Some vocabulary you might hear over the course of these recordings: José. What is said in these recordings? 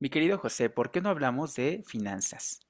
Mi querido José, ¿por qué no hablamos de finanzas?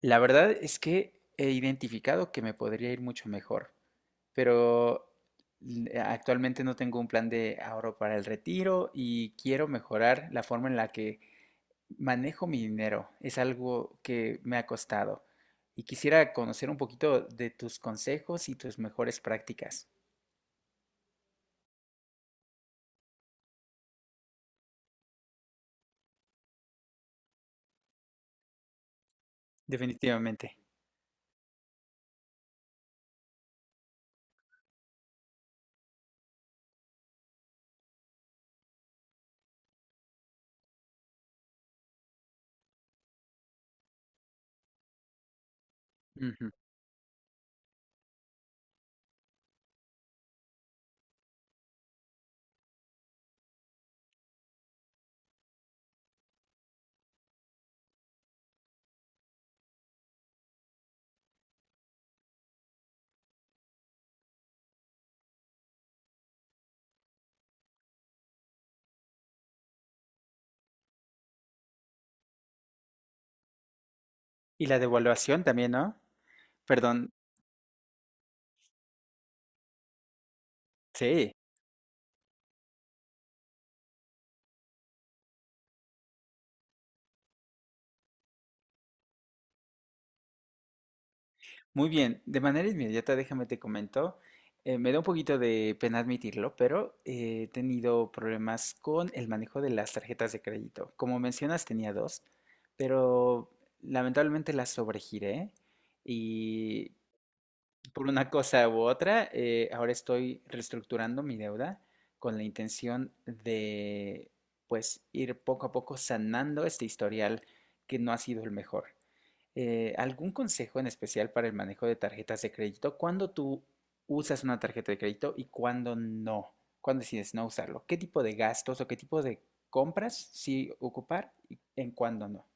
La verdad es que he identificado que me podría ir mucho mejor, pero actualmente no tengo un plan de ahorro para el retiro y quiero mejorar la forma en la que manejo mi dinero. Es algo que me ha costado y quisiera conocer un poquito de tus consejos y tus mejores prácticas. Definitivamente. Ujú. Y la devaluación también, ¿no? Perdón, sí. Muy bien, de manera inmediata déjame te comento, me da un poquito de pena admitirlo, pero he tenido problemas con el manejo de las tarjetas de crédito. Como mencionas, tenía dos, pero lamentablemente las sobregiré y por una cosa u otra, ahora estoy reestructurando mi deuda con la intención de, pues, ir poco a poco sanando este historial que no ha sido el mejor. ¿Algún consejo en especial para el manejo de tarjetas de crédito? ¿Cuándo tú usas una tarjeta de crédito y cuándo no? ¿Cuándo decides no usarlo? ¿Qué tipo de gastos o qué tipo de compras sí ocupar y en cuándo no?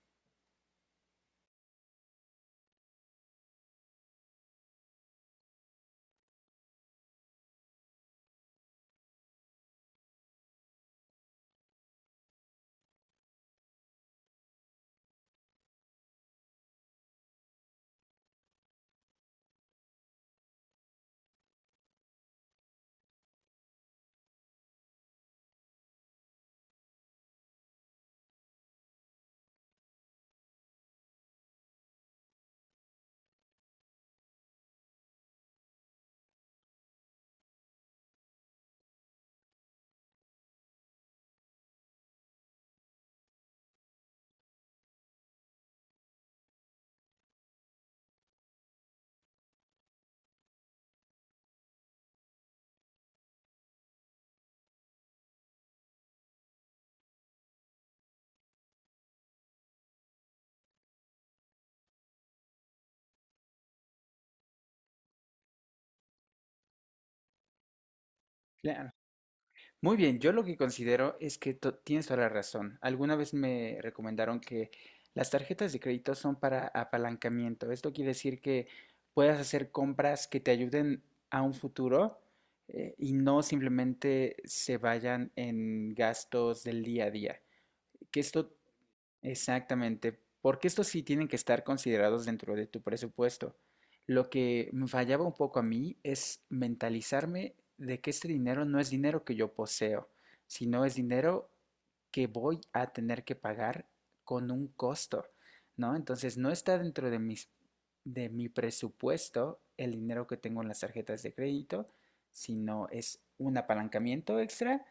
Muy bien, yo lo que considero es que tienes toda la razón. Alguna vez me recomendaron que las tarjetas de crédito son para apalancamiento. Esto quiere decir que puedas hacer compras que te ayuden a un futuro y no simplemente se vayan en gastos del día a día. Que esto. Exactamente, porque estos sí tienen que estar considerados dentro de tu presupuesto. Lo que me fallaba un poco a mí es mentalizarme de que este dinero no es dinero que yo poseo, sino es dinero que voy a tener que pagar con un costo, ¿no? Entonces no está dentro de mis, de mi presupuesto el dinero que tengo en las tarjetas de crédito, sino es un apalancamiento extra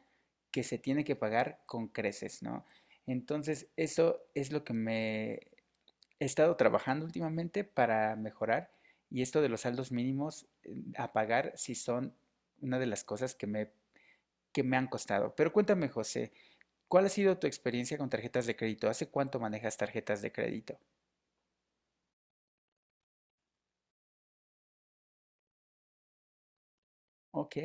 que se tiene que pagar con creces, ¿no? Entonces, eso es lo que me he estado trabajando últimamente para mejorar y esto de los saldos mínimos a pagar sí son una de las cosas que que me han costado. Pero cuéntame, José, ¿cuál ha sido tu experiencia con tarjetas de crédito? ¿Hace cuánto manejas tarjetas de crédito? Ok,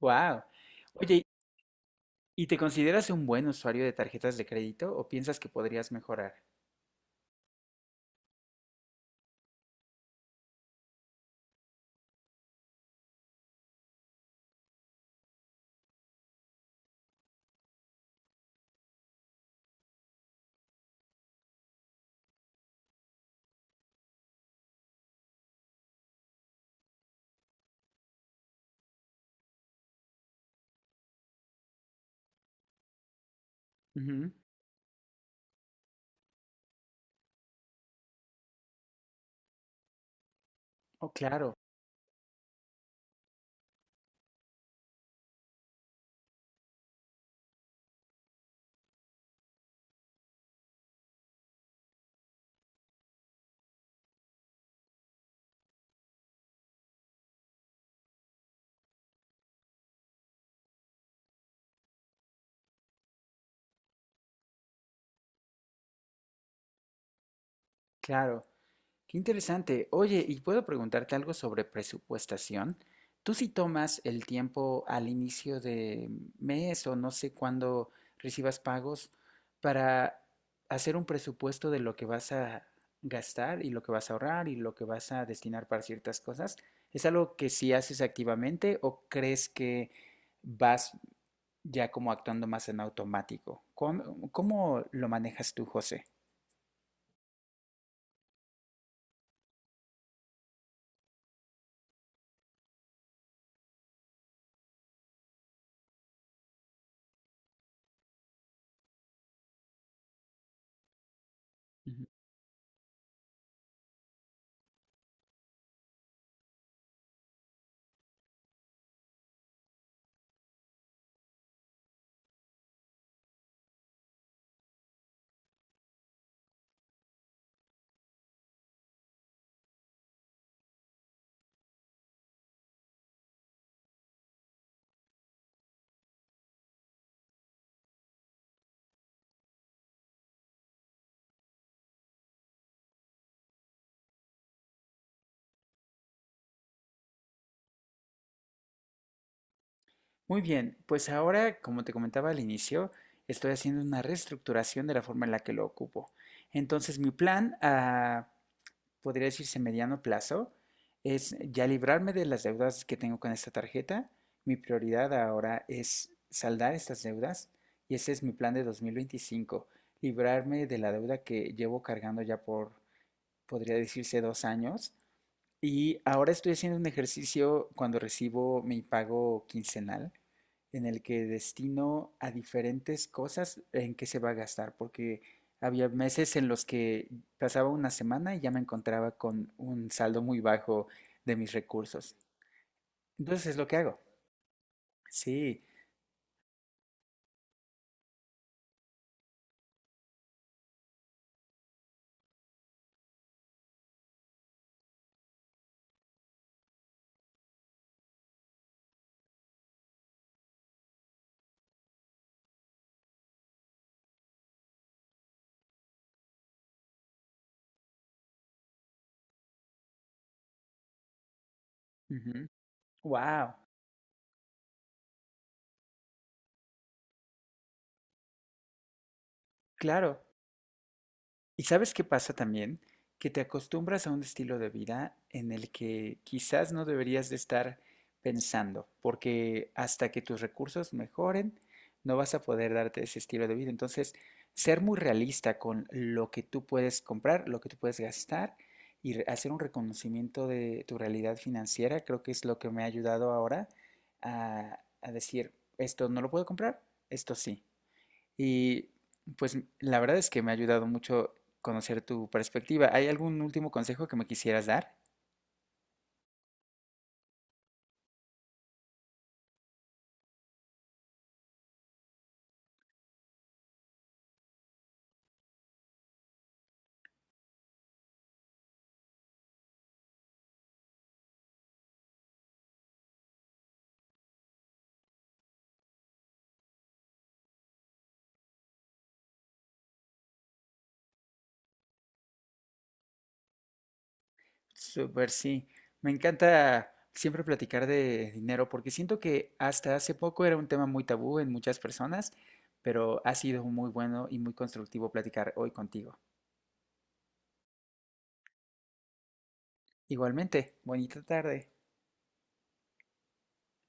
wow. Oye, ¿y te consideras un buen usuario de tarjetas de crédito o piensas que podrías mejorar? Ujú. Oh, claro, claro. Qué interesante. Oye, ¿y puedo preguntarte algo sobre presupuestación? ¿Tú si tomas el tiempo al inicio de mes o no sé cuándo recibas pagos para hacer un presupuesto de lo que vas a gastar y lo que vas a ahorrar y lo que vas a destinar para ciertas cosas? ¿Es algo que sí haces activamente o crees que vas ya como actuando más en automático? ¿Cómo, lo manejas tú, José? Muy bien, pues ahora, como te comentaba al inicio, estoy haciendo una reestructuración de la forma en la que lo ocupo. Entonces, mi plan a, podría decirse mediano plazo, es ya librarme de las deudas que tengo con esta tarjeta. Mi prioridad ahora es saldar estas deudas y ese es mi plan de 2025, librarme de la deuda que llevo cargando ya por, podría decirse, 2 años y ahora estoy haciendo un ejercicio cuando recibo mi pago quincenal, en el que destino a diferentes cosas en que se va a gastar, porque había meses en los que pasaba una semana y ya me encontraba con un saldo muy bajo de mis recursos. Entonces es lo que hago. Sí. Wow. Claro. ¿Y sabes qué pasa también? Que te acostumbras a un estilo de vida en el que quizás no deberías de estar pensando, porque hasta que tus recursos mejoren, no vas a poder darte ese estilo de vida. Entonces, ser muy realista con lo que tú puedes comprar, lo que tú puedes gastar y hacer un reconocimiento de tu realidad financiera, creo que es lo que me ha ayudado ahora a decir, esto no lo puedo comprar, esto sí. Y pues la verdad es que me ha ayudado mucho conocer tu perspectiva. ¿Hay algún último consejo que me quisieras dar? Súper, sí. Me encanta siempre platicar de dinero porque siento que hasta hace poco era un tema muy tabú en muchas personas, pero ha sido muy bueno y muy constructivo platicar hoy contigo. Igualmente, bonita tarde.